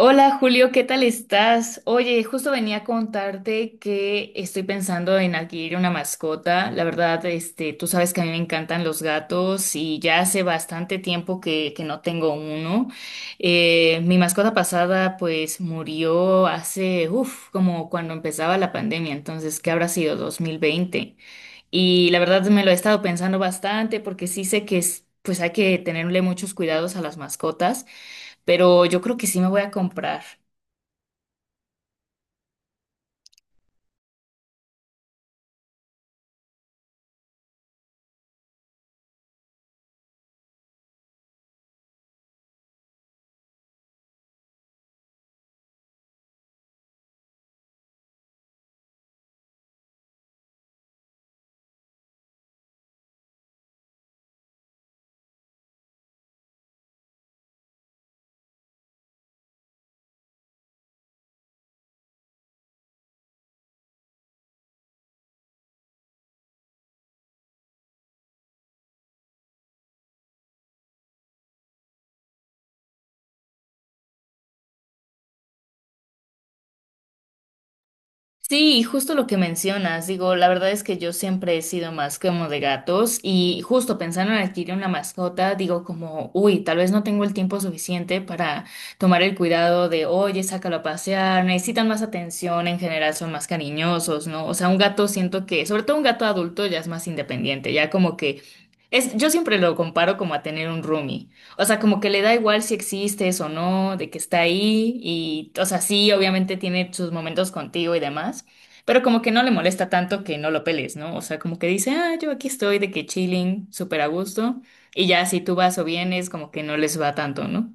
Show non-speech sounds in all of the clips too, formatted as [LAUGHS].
Hola, Julio, ¿qué tal estás? Oye, justo venía a contarte que estoy pensando en adquirir una mascota. La verdad, este, tú sabes que a mí me encantan los gatos y ya hace bastante tiempo que no tengo uno. Mi mascota pasada pues murió hace, uff, como cuando empezaba la pandemia, entonces, ¿qué habrá sido? 2020. Y la verdad me lo he estado pensando bastante porque sí sé que es, pues hay que tenerle muchos cuidados a las mascotas, pero yo creo que sí me voy a comprar. Sí, justo lo que mencionas, digo, la verdad es que yo siempre he sido más como de gatos y justo pensando en adquirir una mascota, digo como, uy, tal vez no tengo el tiempo suficiente para tomar el cuidado de, oye, sácalo a pasear, necesitan más atención, en general son más cariñosos, ¿no? O sea, un gato siento que, sobre todo un gato adulto ya es más independiente, ya como que es, yo siempre lo comparo como a tener un roomie. O sea, como que le da igual si existes o no, de que está ahí y, o sea, sí, obviamente tiene sus momentos contigo y demás, pero como que no le molesta tanto que no lo peles, ¿no? O sea, como que dice, ah, yo aquí estoy de que chilling, súper a gusto, y ya si tú vas o vienes, como que no les va tanto, ¿no?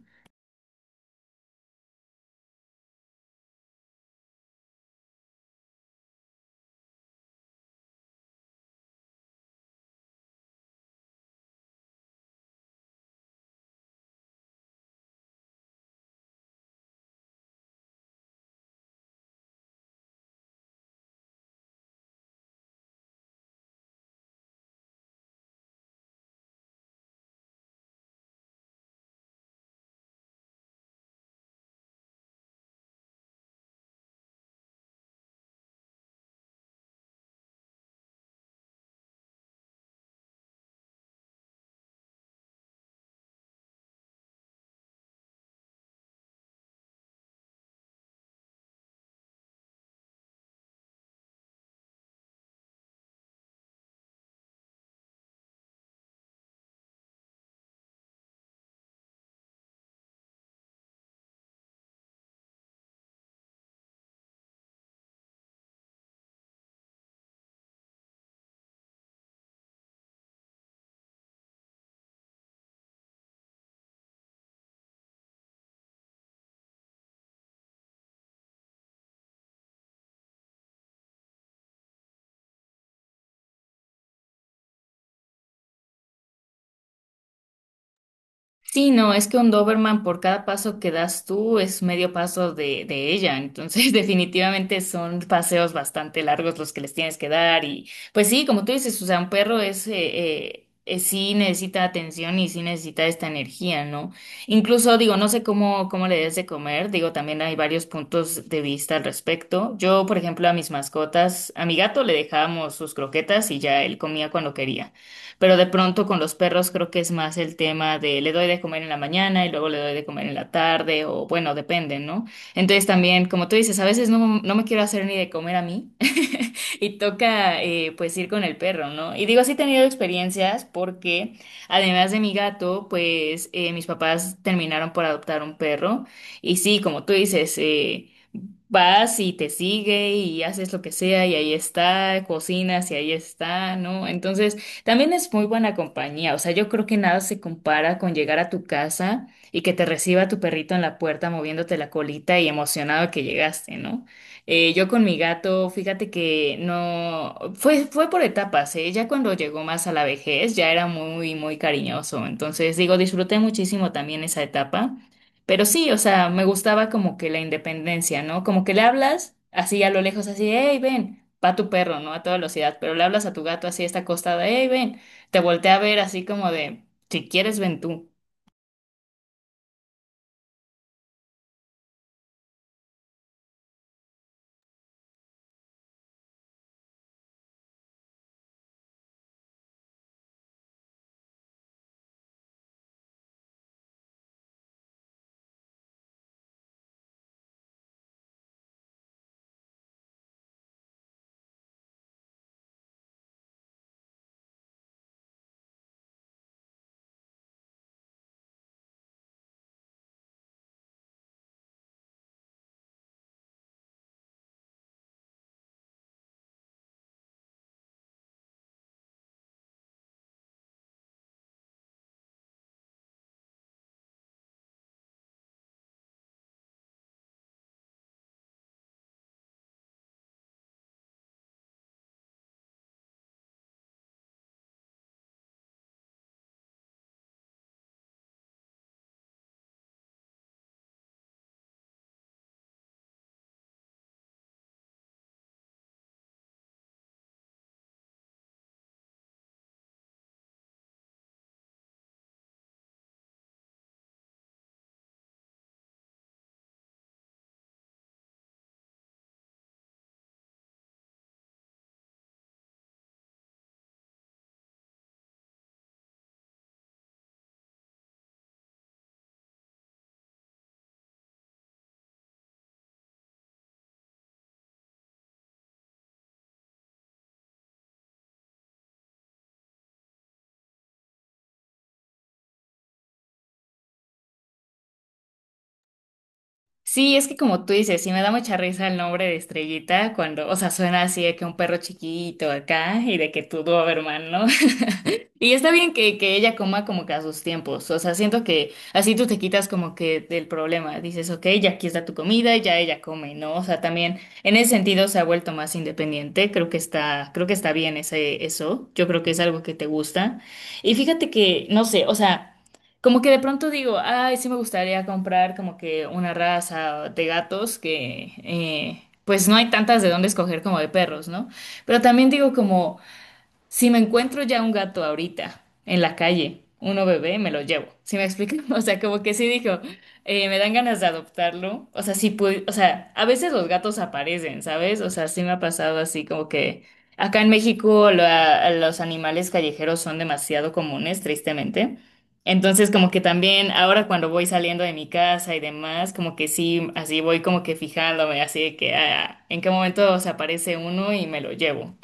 Sí, no, es que un Doberman por cada paso que das tú es medio paso de ella, entonces [LAUGHS] definitivamente son paseos bastante largos los que les tienes que dar y pues sí, como tú dices, o sea, un perro es, sí necesita atención y sí necesita esta energía, ¿no? Incluso digo, no sé cómo le des de comer, digo, también hay varios puntos de vista al respecto. Yo, por ejemplo, a mis mascotas, a mi gato le dejábamos sus croquetas y ya él comía cuando quería. Pero de pronto con los perros creo que es más el tema de le doy de comer en la mañana y luego le doy de comer en la tarde o bueno, depende, ¿no? Entonces también, como tú dices, a veces no, no me quiero hacer ni de comer a mí [LAUGHS] y toca pues ir con el perro, ¿no? Y digo, sí he tenido experiencias porque además de mi gato, pues mis papás terminaron por adoptar un perro y sí, como tú dices, vas y te sigue y haces lo que sea y ahí está, cocinas y ahí está, ¿no? Entonces, también es muy buena compañía, o sea, yo creo que nada se compara con llegar a tu casa y que te reciba tu perrito en la puerta moviéndote la colita y emocionado que llegaste, ¿no? Yo con mi gato, fíjate que no, fue por etapas, ¿eh? Ya cuando llegó más a la vejez, ya era muy, muy cariñoso, entonces digo, disfruté muchísimo también esa etapa. Pero sí, o sea, me gustaba como que la independencia, ¿no? Como que le hablas así a lo lejos, así, hey, ven, va tu perro, ¿no? A toda velocidad, pero le hablas a tu gato así, está acostado, hey, ven, te voltea a ver así como de, si quieres, ven tú. Sí, es que como tú dices, sí me da mucha risa el nombre de Estrellita cuando, o sea, suena así de que un perro chiquito acá y de que tu Doberman, ¿no? Y está bien que ella coma como que a sus tiempos, o sea, siento que así tú te quitas como que del problema, dices, ok, ya aquí está tu comida y ya ella come, ¿no? O sea, también en ese sentido se ha vuelto más independiente, creo que está bien ese, eso, yo creo que es algo que te gusta. Y fíjate que, no sé, o sea... Como que de pronto digo, ay, sí me gustaría comprar como que una raza de gatos que, pues no hay tantas de dónde escoger como de perros, ¿no? Pero también digo como... Si me encuentro ya un gato ahorita en la calle, uno bebé, me lo llevo. ¿Sí me explico? [LAUGHS] O sea, como que sí dijo, me dan ganas de adoptarlo. O sea, sí pude, o sea, a veces los gatos aparecen, ¿sabes? O sea, sí me ha pasado así como que acá en México los animales callejeros son demasiado comunes, tristemente. Entonces, como que también ahora cuando voy saliendo de mi casa y demás, como que sí, así voy como que fijándome, así de que ah, en qué momento se aparece uno y me lo llevo.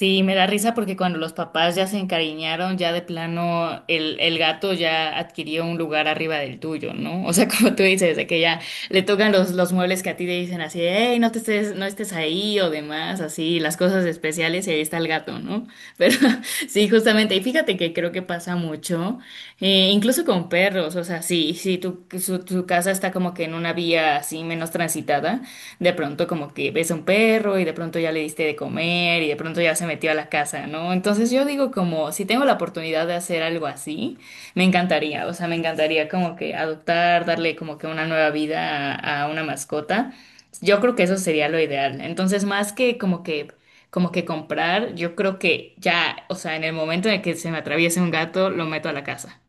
Sí, me da risa porque cuando los papás ya se encariñaron, ya de plano el gato ya adquirió un lugar arriba del tuyo, ¿no? O sea, [LAUGHS] como tú dices, de que ya le tocan los muebles que a ti te dicen así, hey, no te estés, no estés ahí o demás, así, las cosas especiales y ahí está el gato, ¿no? Pero [LAUGHS] sí, justamente, y fíjate que creo que pasa mucho, incluso con perros, o sea, sí, sí, tu casa está como que en una vía así menos transitada de pronto como que ves a un perro y de pronto ya le diste de comer y de pronto ya se metió a la casa, ¿no? Entonces yo digo como si tengo la oportunidad de hacer algo así, me encantaría, o sea, me encantaría como que adoptar, darle como que una nueva vida a una mascota. Yo creo que eso sería lo ideal. Entonces, más que como que comprar, yo creo que ya, o sea, en el momento en el que se me atraviese un gato, lo meto a la casa.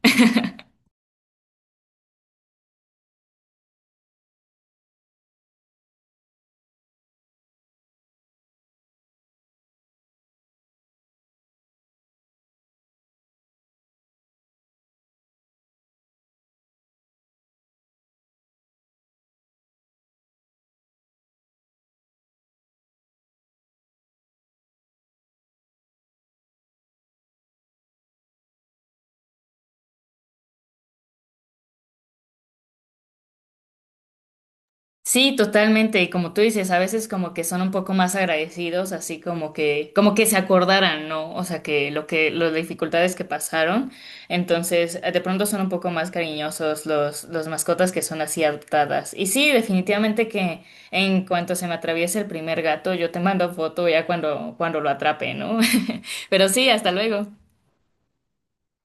Sí, totalmente. Y como tú dices, a veces como que son un poco más agradecidos, así como que se acordaran, ¿no? O sea, que lo que, las dificultades que pasaron. Entonces, de pronto son un poco más cariñosos los mascotas que son así adoptadas. Y sí, definitivamente que en cuanto se me atraviese el primer gato, yo te mando foto ya cuando lo atrape, ¿no? [LAUGHS] Pero sí, hasta luego.